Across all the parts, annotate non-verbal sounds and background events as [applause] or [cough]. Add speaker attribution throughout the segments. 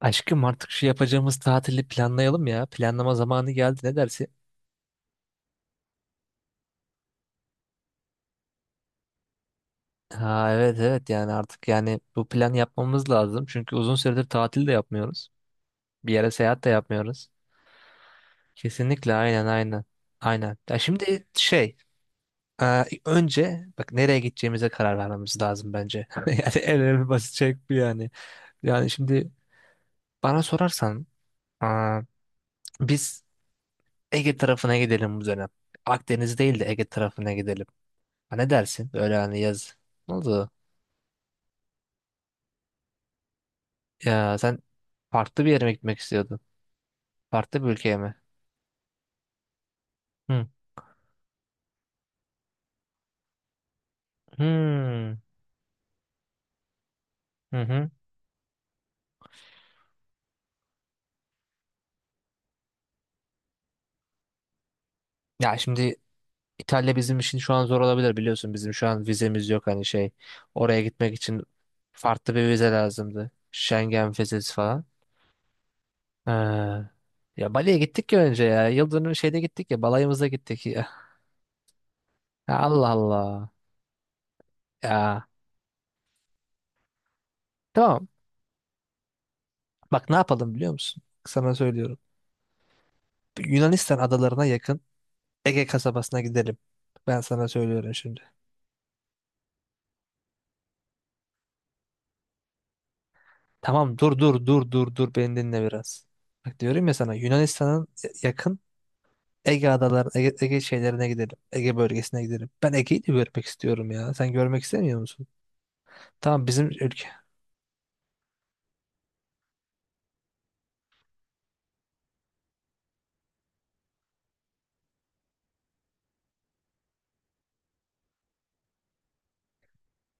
Speaker 1: Aşkım, artık şu yapacağımız tatili planlayalım ya. Planlama zamanı geldi, ne dersin? Ha, evet evet, yani artık yani bu plan yapmamız lazım. Çünkü uzun süredir tatil de yapmıyoruz. Bir yere seyahat de yapmıyoruz. Kesinlikle, aynen aynen. Aynen. Ya şimdi şey, önce bak nereye gideceğimize karar vermemiz lazım bence. [laughs] Yani en önemli basit şey bu yani. Yani şimdi bana sorarsan, e, biz Ege tarafına gidelim bu dönem. Akdeniz değil de Ege tarafına gidelim. Ha, ne dersin? Böyle hani yaz. Ne oldu? Ya sen farklı bir yere mi gitmek istiyordun? Farklı bir ülkeye mi? Hı. Hmm. Hı hı. Ya şimdi İtalya bizim için şu an zor olabilir, biliyorsun. Bizim şu an vizemiz yok hani şey. Oraya gitmek için farklı bir vize lazımdı. Schengen vizesi falan. Ee, ya Bali'ye gittik ya önce ya. Yıldönüm şeyde gittik ya. Balayımıza gittik ya. Ya Allah Allah. Ya tamam. Bak, ne yapalım biliyor musun? Sana söylüyorum. Yunanistan adalarına yakın Ege kasabasına gidelim. Ben sana söylüyorum şimdi. Tamam, dur dur dur dur dur, beni dinle biraz. Bak, diyorum ya sana, Yunanistan'ın yakın Ege adaları, Ege, Ege şeylerine gidelim. Ege bölgesine gidelim. Ben Ege'yi de görmek istiyorum ya. Sen görmek istemiyor musun? Tamam, bizim ülke.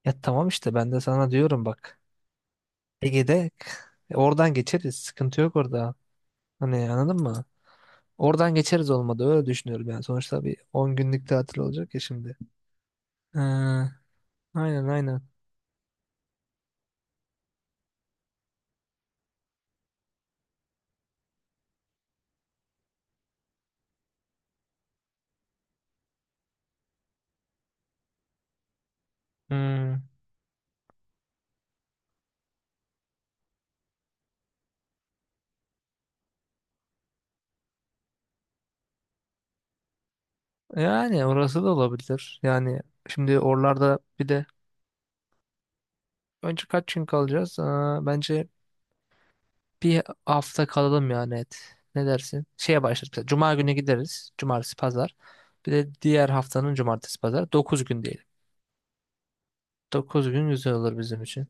Speaker 1: Ya tamam işte, ben de sana diyorum bak. Ege'de [laughs] oradan geçeriz. Sıkıntı yok orada. Hani, anladın mı? Oradan geçeriz olmadı. Öyle düşünüyorum yani. Sonuçta bir 10 günlük tatil olacak ya şimdi. Ee, aynen aynen. Hmm. Yani orası da olabilir. Yani şimdi oralarda bir de önce kaç gün kalacağız? Aa, bence bir hafta kalalım yani et. Ne dersin? Şeye başlarız mesela. Cuma günü gideriz. Cumartesi, pazar. Bir de diğer haftanın cumartesi, pazar. 9 gün diyelim. 9 gün güzel olur bizim için.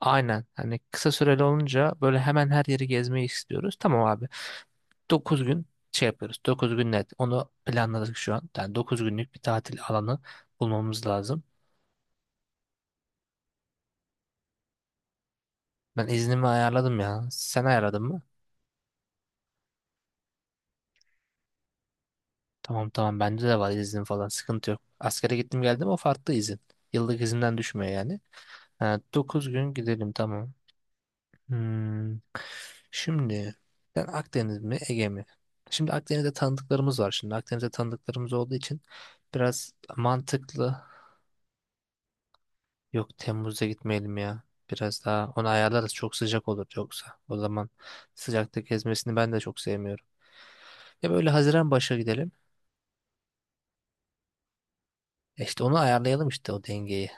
Speaker 1: Aynen. Hani kısa süreli olunca böyle hemen her yeri gezmeyi istiyoruz. Tamam abi. 9 gün şey yapıyoruz. 9 gün net. Onu planladık şu an. Yani 9 günlük bir tatil alanı bulmamız lazım. Ben iznimi ayarladım ya. Sen ayarladın mı? Tamam tamam, bende de var izin falan, sıkıntı yok. Askere gittim geldim, o farklı izin. Yıllık izinden düşmüyor yani. Ha, 9 gün gidelim tamam. Hmm. Şimdi ben, Akdeniz mi Ege mi? Şimdi Akdeniz'de tanıdıklarımız var. Şimdi Akdeniz'de tanıdıklarımız olduğu için biraz mantıklı. Yok, Temmuz'da gitmeyelim ya. Biraz daha onu ayarlarız, çok sıcak olur yoksa. O zaman sıcakta gezmesini ben de çok sevmiyorum. Ya böyle Haziran başı gidelim. E İşte onu ayarlayalım işte o dengeyi.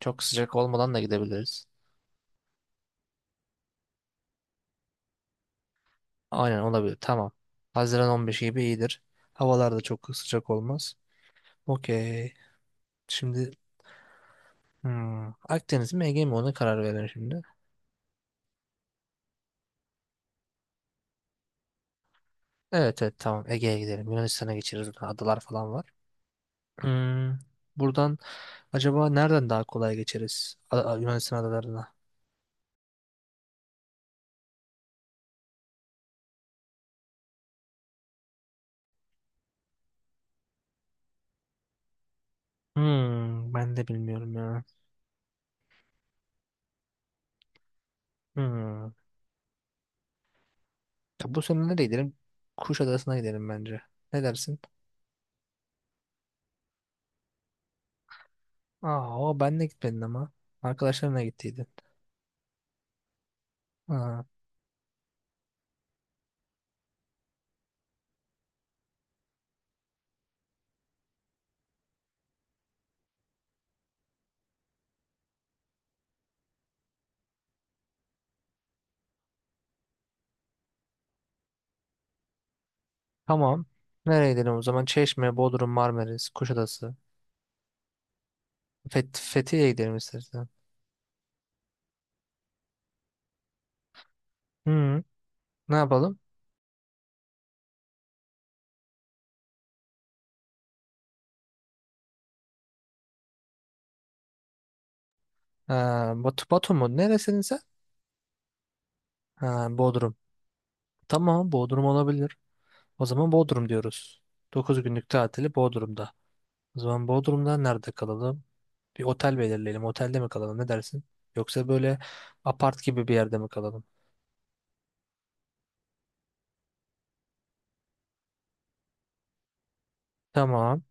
Speaker 1: Çok sıcak olmadan da gidebiliriz. Aynen, olabilir. Tamam. Haziran 15 gibi iyidir. Havalar da çok sıcak olmaz. Okey. Şimdi, hmm, Akdeniz mi Ege mi, ona karar verelim şimdi. Evet evet, tamam, Ege'ye gidelim. Yunanistan'a geçeriz. Burada adalar falan var. Hmm, buradan acaba nereden daha kolay geçeriz? Yunanistan adalarına. Hmm, ben de bilmiyorum ya. Hmm. Ya bu sene nereye gidelim? Kuşadası'na gidelim bence. Ne dersin? Aa, o ben de gitmedin ama. Arkadaşlarınla gittiydin. Aa, tamam. Nereye gidelim o zaman? Çeşme, Bodrum, Marmaris, Kuşadası. Fethiye'ye gidelim istersen. Hı, ne yapalım? Ee, Batu, Batu mu? Neresin sen? Ha, Bodrum. Tamam, Bodrum olabilir. O zaman Bodrum diyoruz. 9 günlük tatili Bodrum'da. O zaman Bodrum'da nerede kalalım? Bir otel belirleyelim. Otelde mi kalalım? Ne dersin? Yoksa böyle apart gibi bir yerde mi kalalım? Tamam.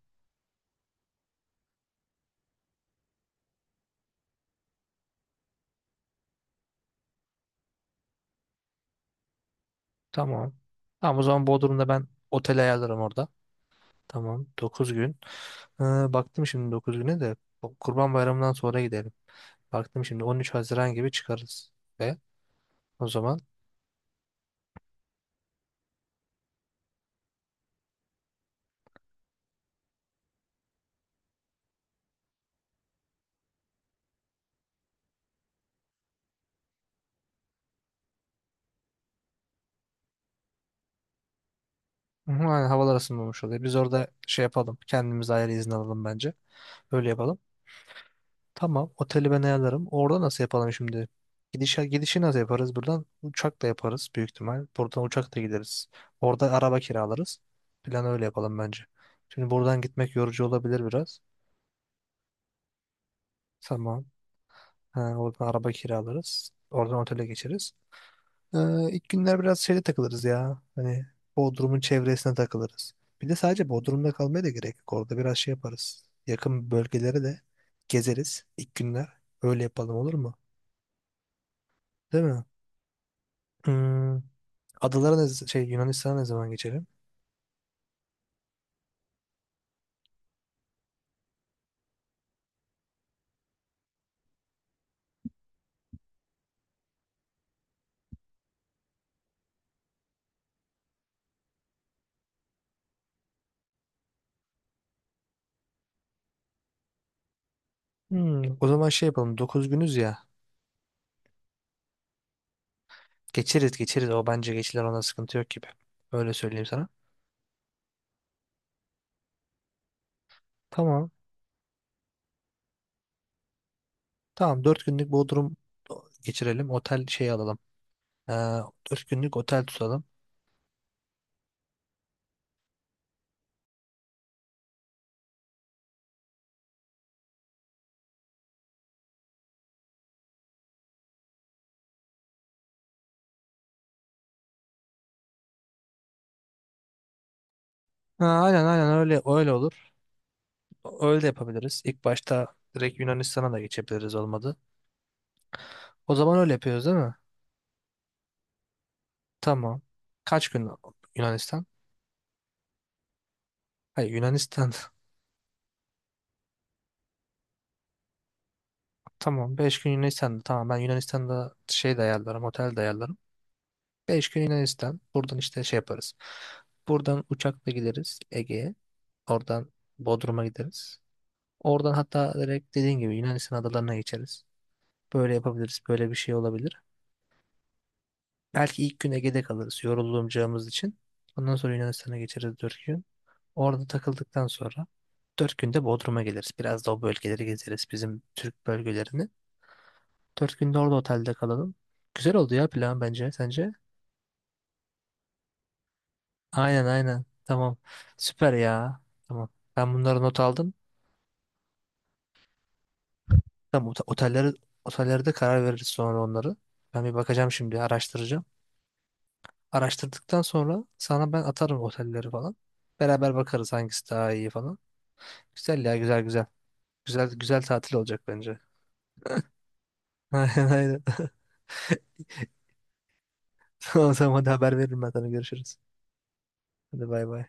Speaker 1: Tamam. Tamam, o zaman Bodrum'da ben otel ayarlarım orada. Tamam, 9 gün. Ee, baktım şimdi 9 güne de o Kurban Bayramı'ndan sonra gidelim. Baktım şimdi 13 Haziran gibi çıkarız. Ve o zaman, hı hı, aynen, havalar ısınmamış oluyor. Biz orada şey yapalım. Kendimiz ayrı izin alalım bence. Öyle yapalım. Tamam, oteli ben ayarlarım. Orada nasıl yapalım şimdi? Gidiş, gidişi nasıl yaparız? Buradan uçakla yaparız, büyük ihtimal. Buradan uçakla gideriz. Orada araba kiralarız. Plan öyle yapalım bence. Şimdi buradan gitmek yorucu olabilir biraz. Tamam. Ha, oradan araba kiralarız. Oradan otele geçeriz. Ee, ilk günler biraz şeyde takılırız ya. Hani Bodrum'un çevresine takılırız. Bir de sadece Bodrum'da kalmaya da gerek yok. Orada biraz şey yaparız. Yakın bölgelere de gezeriz ilk günler. Öyle yapalım, olur mu? Değil mi? Hmm, adalara ne, şey Yunanistan'a ne zaman geçelim? Hmm, o zaman şey yapalım. 9 günüz ya. Geçeriz geçeriz. O bence geçilir, ona sıkıntı yok gibi. Öyle söyleyeyim sana. Tamam. Tamam, 4 günlük Bodrum geçirelim. Otel şey alalım. Ee, 4 günlük otel tutalım. Ha, aynen aynen, öyle öyle olur. Öyle de yapabiliriz. İlk başta direkt Yunanistan'a da geçebiliriz olmadı. O zaman öyle yapıyoruz, değil mi? Tamam. Kaç gün Yunanistan? Hayır, Yunanistan. [laughs] Tamam, 5 gün Yunanistan'da. Tamam, ben Yunanistan'da şey de ayarlarım, otel de ayarlarım. 5 gün Yunanistan. Buradan işte şey yaparız. Buradan uçakla gideriz Ege'ye. Oradan Bodrum'a gideriz. Oradan hatta direkt dediğin gibi Yunanistan adalarına geçeriz. Böyle yapabiliriz. Böyle bir şey olabilir. Belki ilk gün Ege'de kalırız yorulacağımız için. Ondan sonra Yunanistan'a geçeriz 4 gün. Orada takıldıktan sonra 4 günde Bodrum'a geliriz. Biraz da o bölgeleri gezeriz. Bizim Türk bölgelerini. 4 günde orada otelde kalalım. Güzel oldu ya plan, bence. Sence? Aynen aynen. Tamam. Süper ya. Tamam. Ben bunları not aldım. Tamam, otelleri otellerde karar veririz sonra onları. Ben bir bakacağım şimdi, araştıracağım. Araştırdıktan sonra sana ben atarım otelleri falan. Beraber bakarız hangisi daha iyi falan. Güzel ya, güzel güzel. Güzel güzel tatil olacak bence. [laughs] Aynen aynen. [laughs] Tamam tamam, hadi, haber veririm ben sana, görüşürüz. Hadi, bay bay.